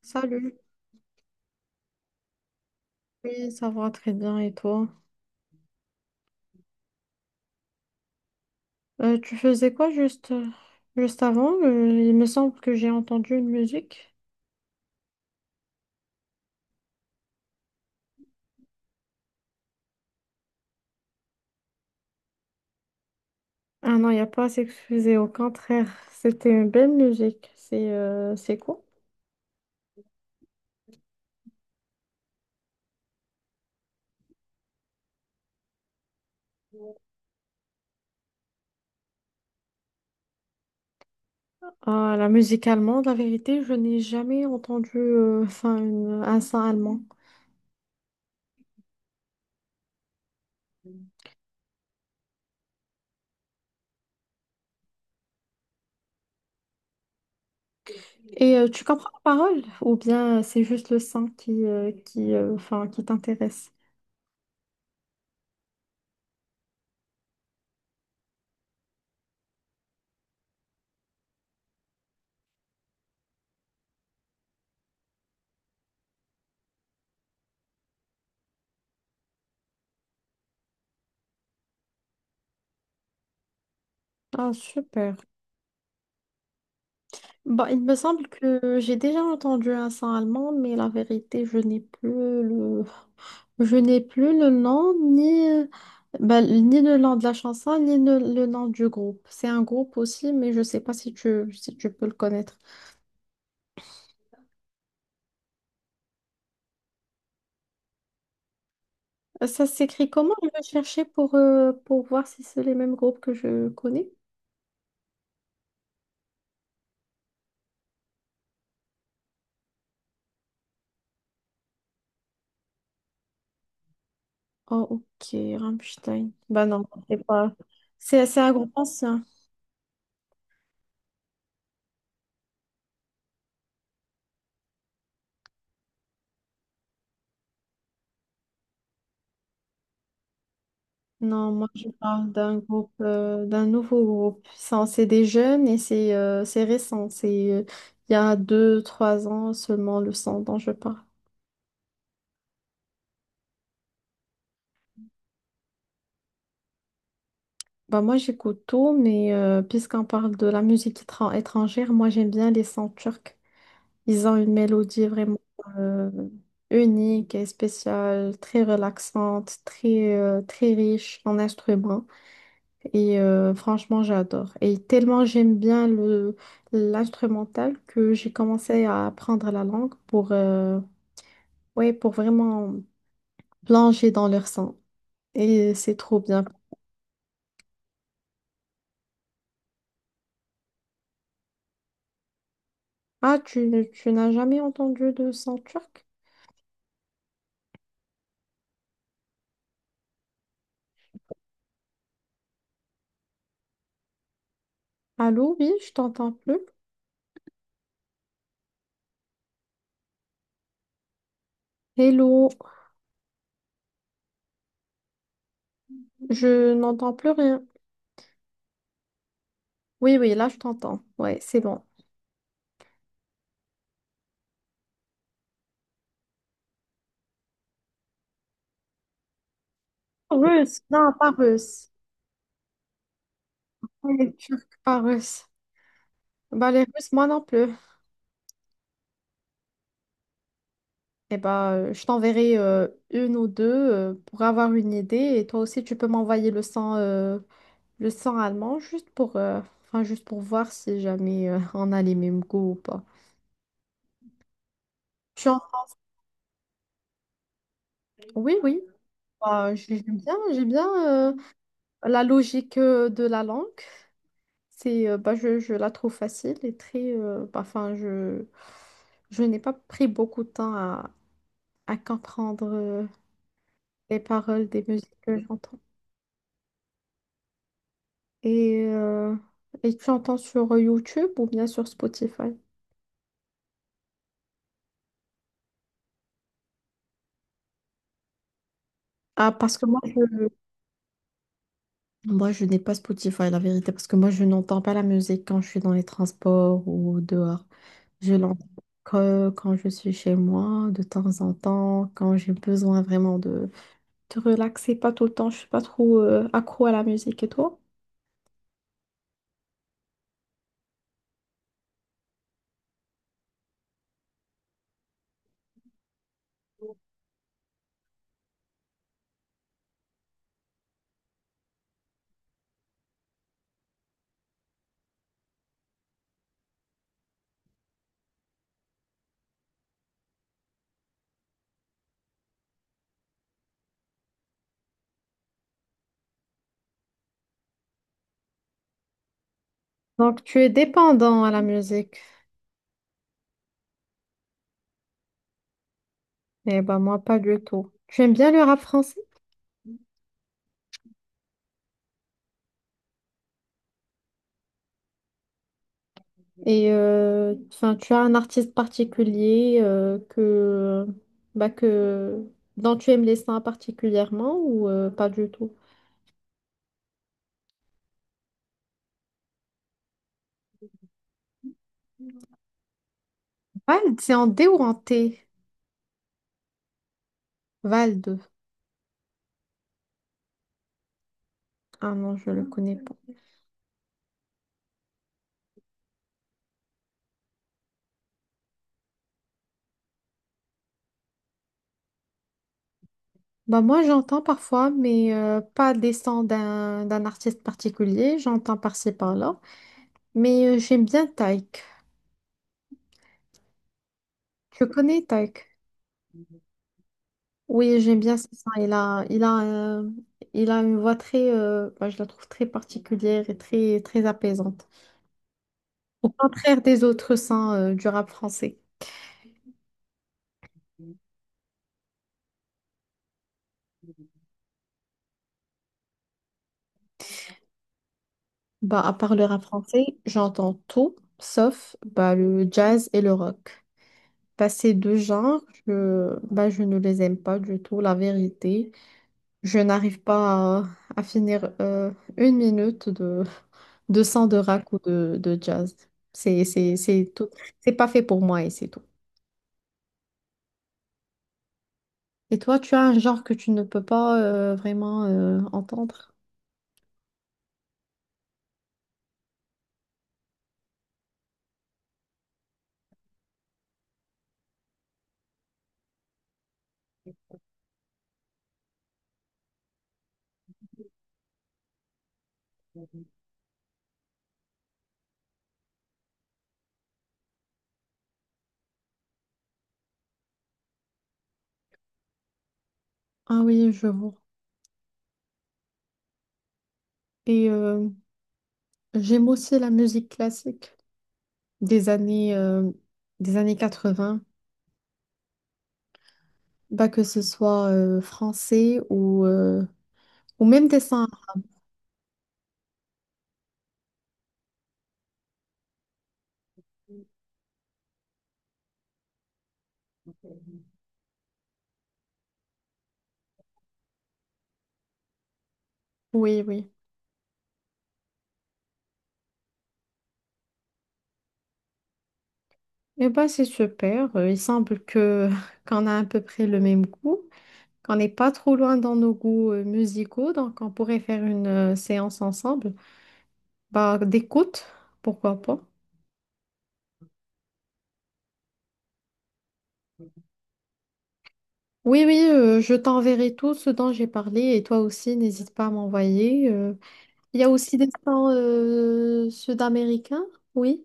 Salut. Oui, ça va très bien. Et toi? Tu faisais quoi juste, juste avant? Il me semble que j'ai entendu une musique. Ah non, il n'y a pas à s'excuser. Au contraire, c'était une belle musique. C'est quoi? Ah, la musique allemande, la vérité, je n'ai jamais entendu enfin, un son allemand. Et tu comprends la parole? Ou bien c'est juste le son qui, enfin, qui t'intéresse? Ah, super. Bah, il me semble que j'ai déjà entendu un sang allemand, mais la vérité, je n'ai plus le nom, ni, bah, ni le nom de la chanson, ni le nom du groupe. C'est un groupe aussi, mais je ne sais pas si tu peux le connaître. Ça s'écrit comment? Je vais chercher pour voir si c'est les mêmes groupes que je connais. Oh, ok, Rammstein. Bah non, c'est pas. C'est un groupe ancien. Non, moi je parle d'un groupe, d'un nouveau groupe. Ça, c'est des jeunes et c'est récent. C'est il y a 2, 3 ans seulement le son dont je parle. Bah moi j'écoute tout, mais puisqu'on parle de la musique étrangère, moi j'aime bien les sons turcs. Ils ont une mélodie vraiment euh, unique et spéciale, très relaxante, très, très riche en instruments. Et franchement, j'adore. Et tellement j'aime bien le l'instrumental que j'ai commencé à apprendre la langue pour, ouais, pour vraiment plonger dans leur son. Et c'est trop bien. Ah, tu n'as jamais entendu de son turc? Allô, oui, je t'entends plus. Hello, je n'entends plus rien. Oui, oui, là, je t'entends. Ouais, c'est bon. Russe, non, pas russe. Ouais, turc, pas russe. Bah, les Russes, moi non plus. Eh ben, je t'enverrai une ou deux pour avoir une idée. Et toi aussi, tu peux m'envoyer le sang allemand juste pour, enfin, juste pour voir si jamais on a les mêmes goûts ou pas. Je suis en- Oui, oui. Bah, j'aime bien la logique de la langue. C'est, bah, je la trouve facile et très. Bah, enfin, je n'ai pas pris beaucoup de temps à comprendre les paroles des musiques que j'entends. Et, euh, et tu entends sur YouTube ou bien sur Spotify? Ah, parce que moi, je n'ai pas Spotify, la vérité, parce que moi, je n'entends pas la musique quand je suis dans les transports ou dehors. Je l'entends que quand je suis chez moi, de temps en temps, quand j'ai besoin vraiment de te relaxer, pas tout le temps. Je suis pas trop accro à la musique et toi? Donc, tu es dépendant à la musique. Eh ben, moi, pas du tout. Tu aimes bien le rap français? Et enfin, tu as un artiste particulier bah, que, dont tu aimes les sons particulièrement ou pas du tout? Vald, c'est en D ou en T? Vald. Ah non, je le connais pas. Bah, moi, j'entends parfois, mais pas des sons d'un artiste particulier. J'entends par-ci, par-là. Mais j'aime bien Taïk. Tu connais Taïk? Oui, j'aime bien ce son. Il a une voix très… bah, je la trouve très particulière et très, très apaisante. Au contraire des autres sons du rap français. Bah, à part le rap français, j'entends tout, sauf bah, le jazz et le rock. Bah, ces deux genres, bah, je ne les aime pas du tout, la vérité. Je n'arrive pas à, à finir une minute de son de rock ou de jazz. C'est tout. C'est pas fait pour moi et c'est tout. Et toi, tu as un genre que tu ne peux pas vraiment entendre? Ah oui, je vois. Et j'aime aussi la musique classique des années, euh, des années 80, bah, que ce soit français ou, ou même des saints. Oui, oui. Eh bah, c'est super. Il semble que qu'on a à peu près le même goût, qu'on n'est pas trop loin dans nos goûts musicaux, donc on pourrait faire une séance ensemble. Bah, d'écoute, pourquoi pas. Oui, oui, je t'enverrai tout ce dont j'ai parlé et toi aussi, n'hésite pas à m'envoyer. Il y a aussi des pains sud-américains, oui,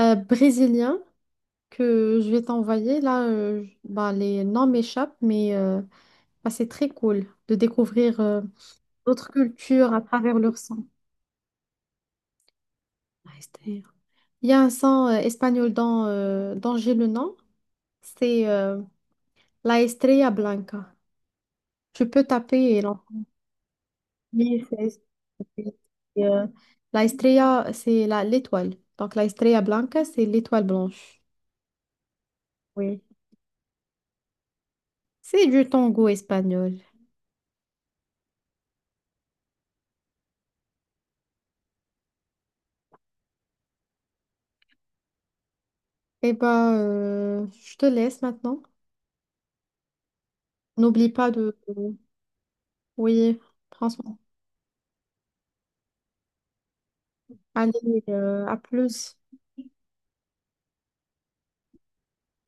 brésiliens, que je vais t'envoyer. Là, bah, les noms m'échappent, mais bah, c'est très cool de découvrir d'autres cultures à travers leur sang. Ah, Esther. Il y a un sang espagnol dont j'ai le nom, c'est la Estrella Blanca. Tu peux taper et l'envoyer. La Estrella, c'est l'étoile. Donc la Estrella Blanca, c'est l'étoile blanche. Oui. C'est du tango espagnol. Eh ben, je te laisse maintenant. N'oublie pas de… Oui, franchement. Allez, à plus.